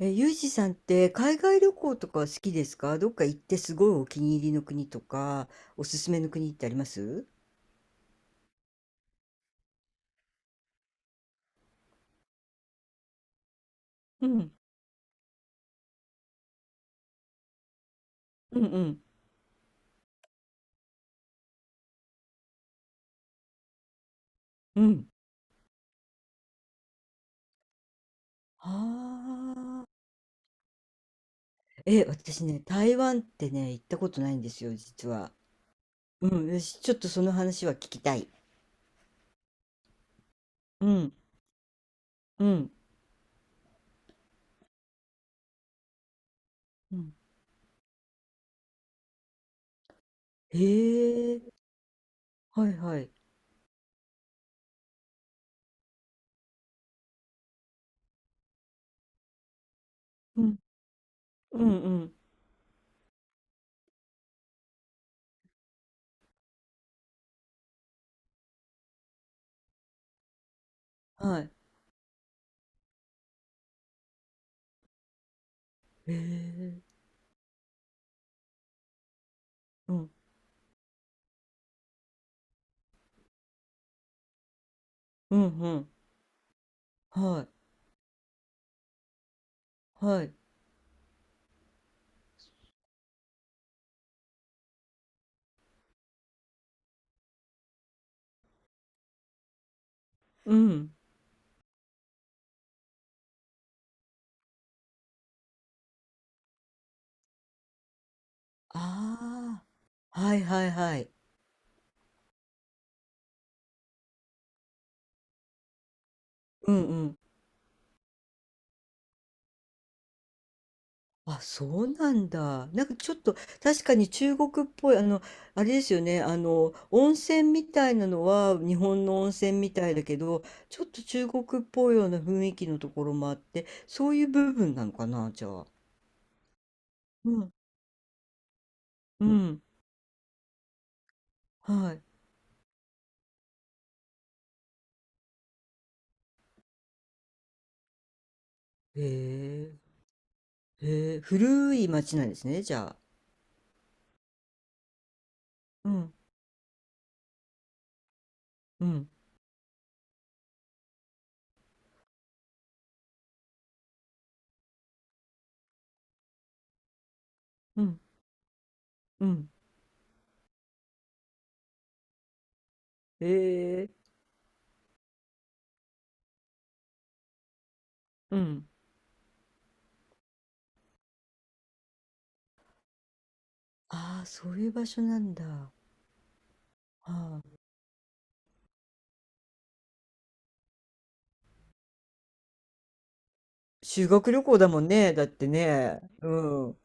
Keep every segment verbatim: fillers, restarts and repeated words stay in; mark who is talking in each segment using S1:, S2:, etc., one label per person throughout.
S1: え、ユージさんって海外旅行とか好きですか？どっか行ってすごいお気に入りの国とか、おすすめの国ってあります？うん。うんうん。うん。ああー。え、私ね、台湾ってね、行ったことないんですよ、実は。うん、よし、ちょっとその話は聞きたい。うんうん。うん。へえ。はいはい。うんうん。うん。はい。へえ。うんうん。うん。はい。はい。うん。ああ、はいはいはい。うんうん。あ、そうなんだ。なんかちょっと確かに中国っぽい、あの、あれですよね、あの、温泉みたいなのは日本の温泉みたいだけど、ちょっと中国っぽいような雰囲気のところもあって、そういう部分なのかな、じゃあ。うん。うん。はい。へえ。へえ。古い町なんですね、じゃあ。うん。うん。うん。うん。へえ。うん。ああ、そういう場所なんだ。はあ。修学旅行だもんね。だってね。うん。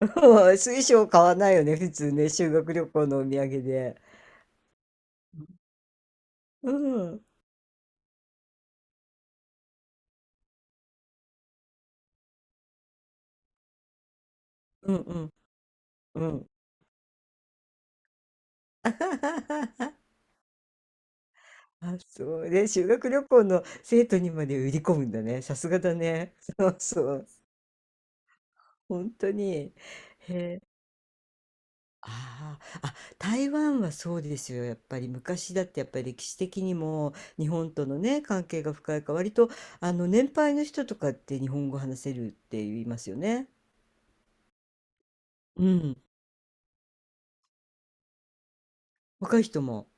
S1: 水晶買わないよね。普通ね。修学旅行のお土産で。うん。うんうん。うん。あ、そうね。修学旅行の生徒にまで売り込むんだね。さすがだね。そうそう。本当に。へ、ああ、あ、台湾はそうですよ。やっぱり昔だってやっぱり歴史的にも日本とのね、関係が深いから、割とあの年配の人とかって日本語話せるって言いますよね。うん。若い人も。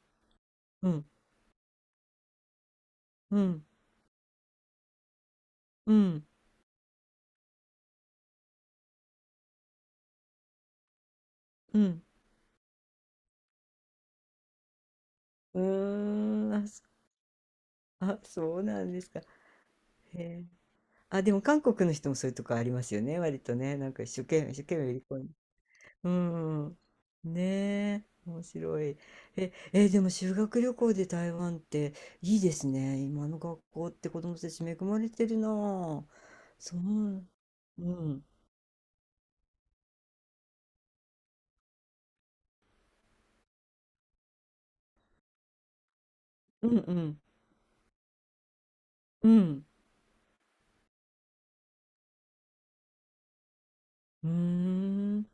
S1: うん。うん。うん。うん。うーん。あ、そあ、そうなんですか。へえ。あ、でも韓国の人もそういうとこありますよね。割とね。なんか一生懸命、一生懸命売り込んで。うん。ねえ、面白い。え、え、でも修学旅行で台湾っていいですね。今の学校って子供たち恵まれてるなあ。そう。うん。うんうん。うん。うーん。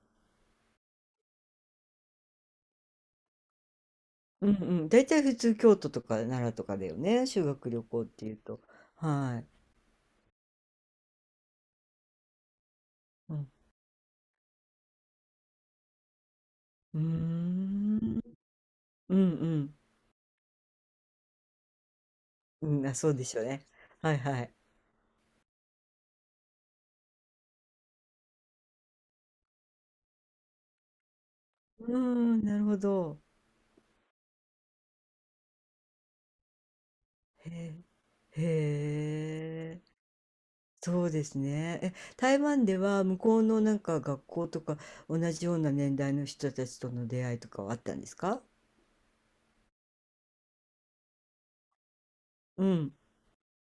S1: うんうん。大体普通京都とか奈良とかだよね。修学旅行っていうと。はい。うん。うーん。うんうん。うん、あ、そうでしょうね。はいはい。うーん、なるほど。へえ。へえ。そうですね。え、台湾では向こうのなんか学校とか同じような年代の人たちとの出会いとかはあったんですか？うん。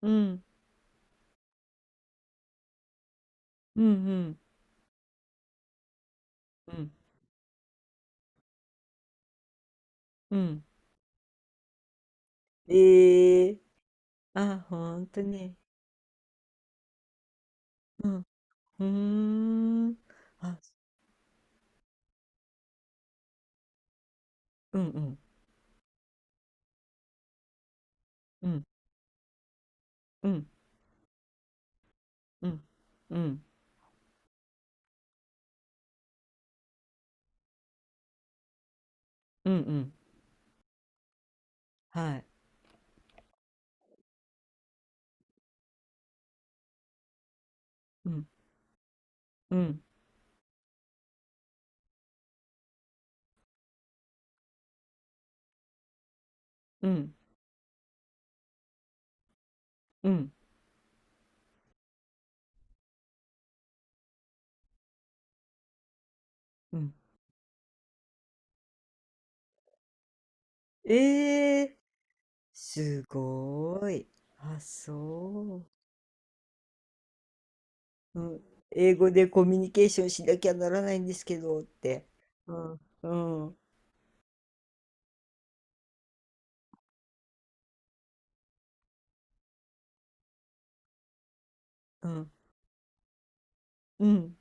S1: うん。うんうん。うんうん。ええ。あ、ほんとに。うん。うーん。あ、うん。うん。うん。うん。うん。うん。うん。うん。はい。うん。うん。うん。うん。うん。ええ、すごい。あ、そう。うん、英語でコミュニケーションしなきゃならないんですけどって。うん。うん。うん。うん。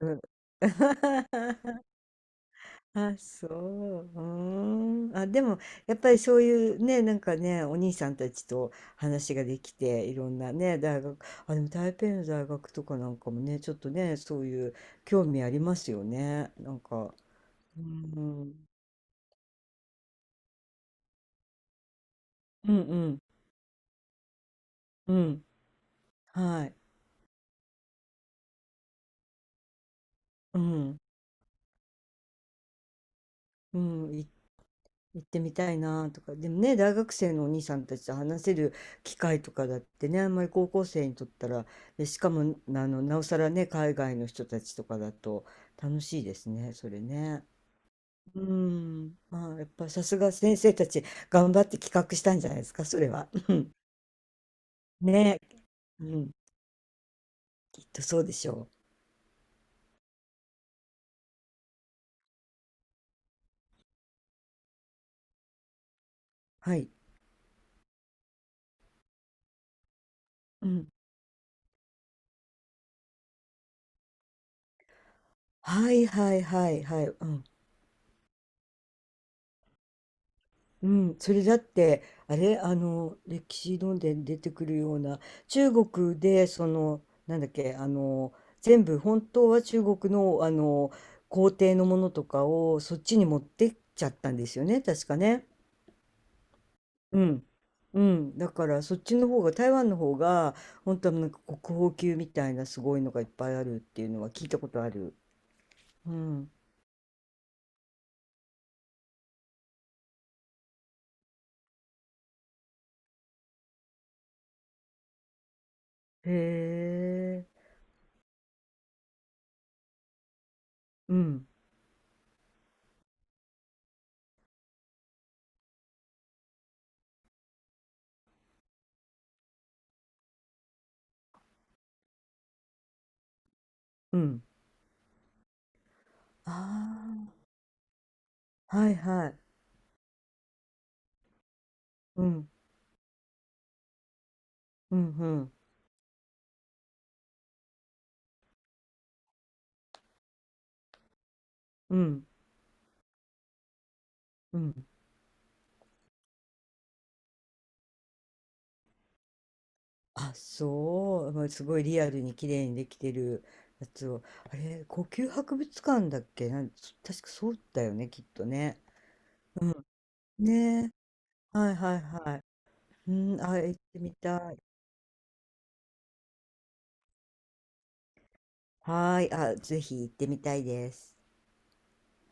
S1: うん。あ、そう。うーん。あ、でも、やっぱりそういうね、なんかね、お兄さんたちと話ができて、いろんなね、大学、あ、でも台北の大学とかなんかもね、ちょっとね、そういう興味ありますよね。なんか、うん、うん、うん、うん、はい、うん、うん、行っ行ってみたいなとか、でもね、大学生のお兄さんたちと話せる機会とかだってね、あんまり高校生にとったら、で、しかも、あの、なおさらね、海外の人たちとかだと楽しいですね、それね。うん、まあ、やっぱさすが先生たち頑張って企画したんじゃないですか、それは。ね、うん、きっとそうでしょう。はい。うん。はいはいはいはい。うん。うん、それだってあれ、あの歴史論で出てくるような中国で、そのなんだっけ、あの全部本当は中国のあの皇帝のものとかをそっちに持ってっちゃったんですよね、確かね。うん、うん、だからそっちの方が台湾の方が本当はなんか国宝級みたいなすごいのがいっぱいあるっていうのは聞いたことある。うん。へえ。うん。うん。ああ、はいはい。うん。うん。うん。うん。うん。あ、そう。まあすごいリアルに綺麗にできてるやつを。あれ、故宮博物館だっけ、なん、そ確かそうだよね、きっとね。ねえ。はいはいはい。うん、あ、行ってみたい。はーい。あ、ぜひ行ってみたいです。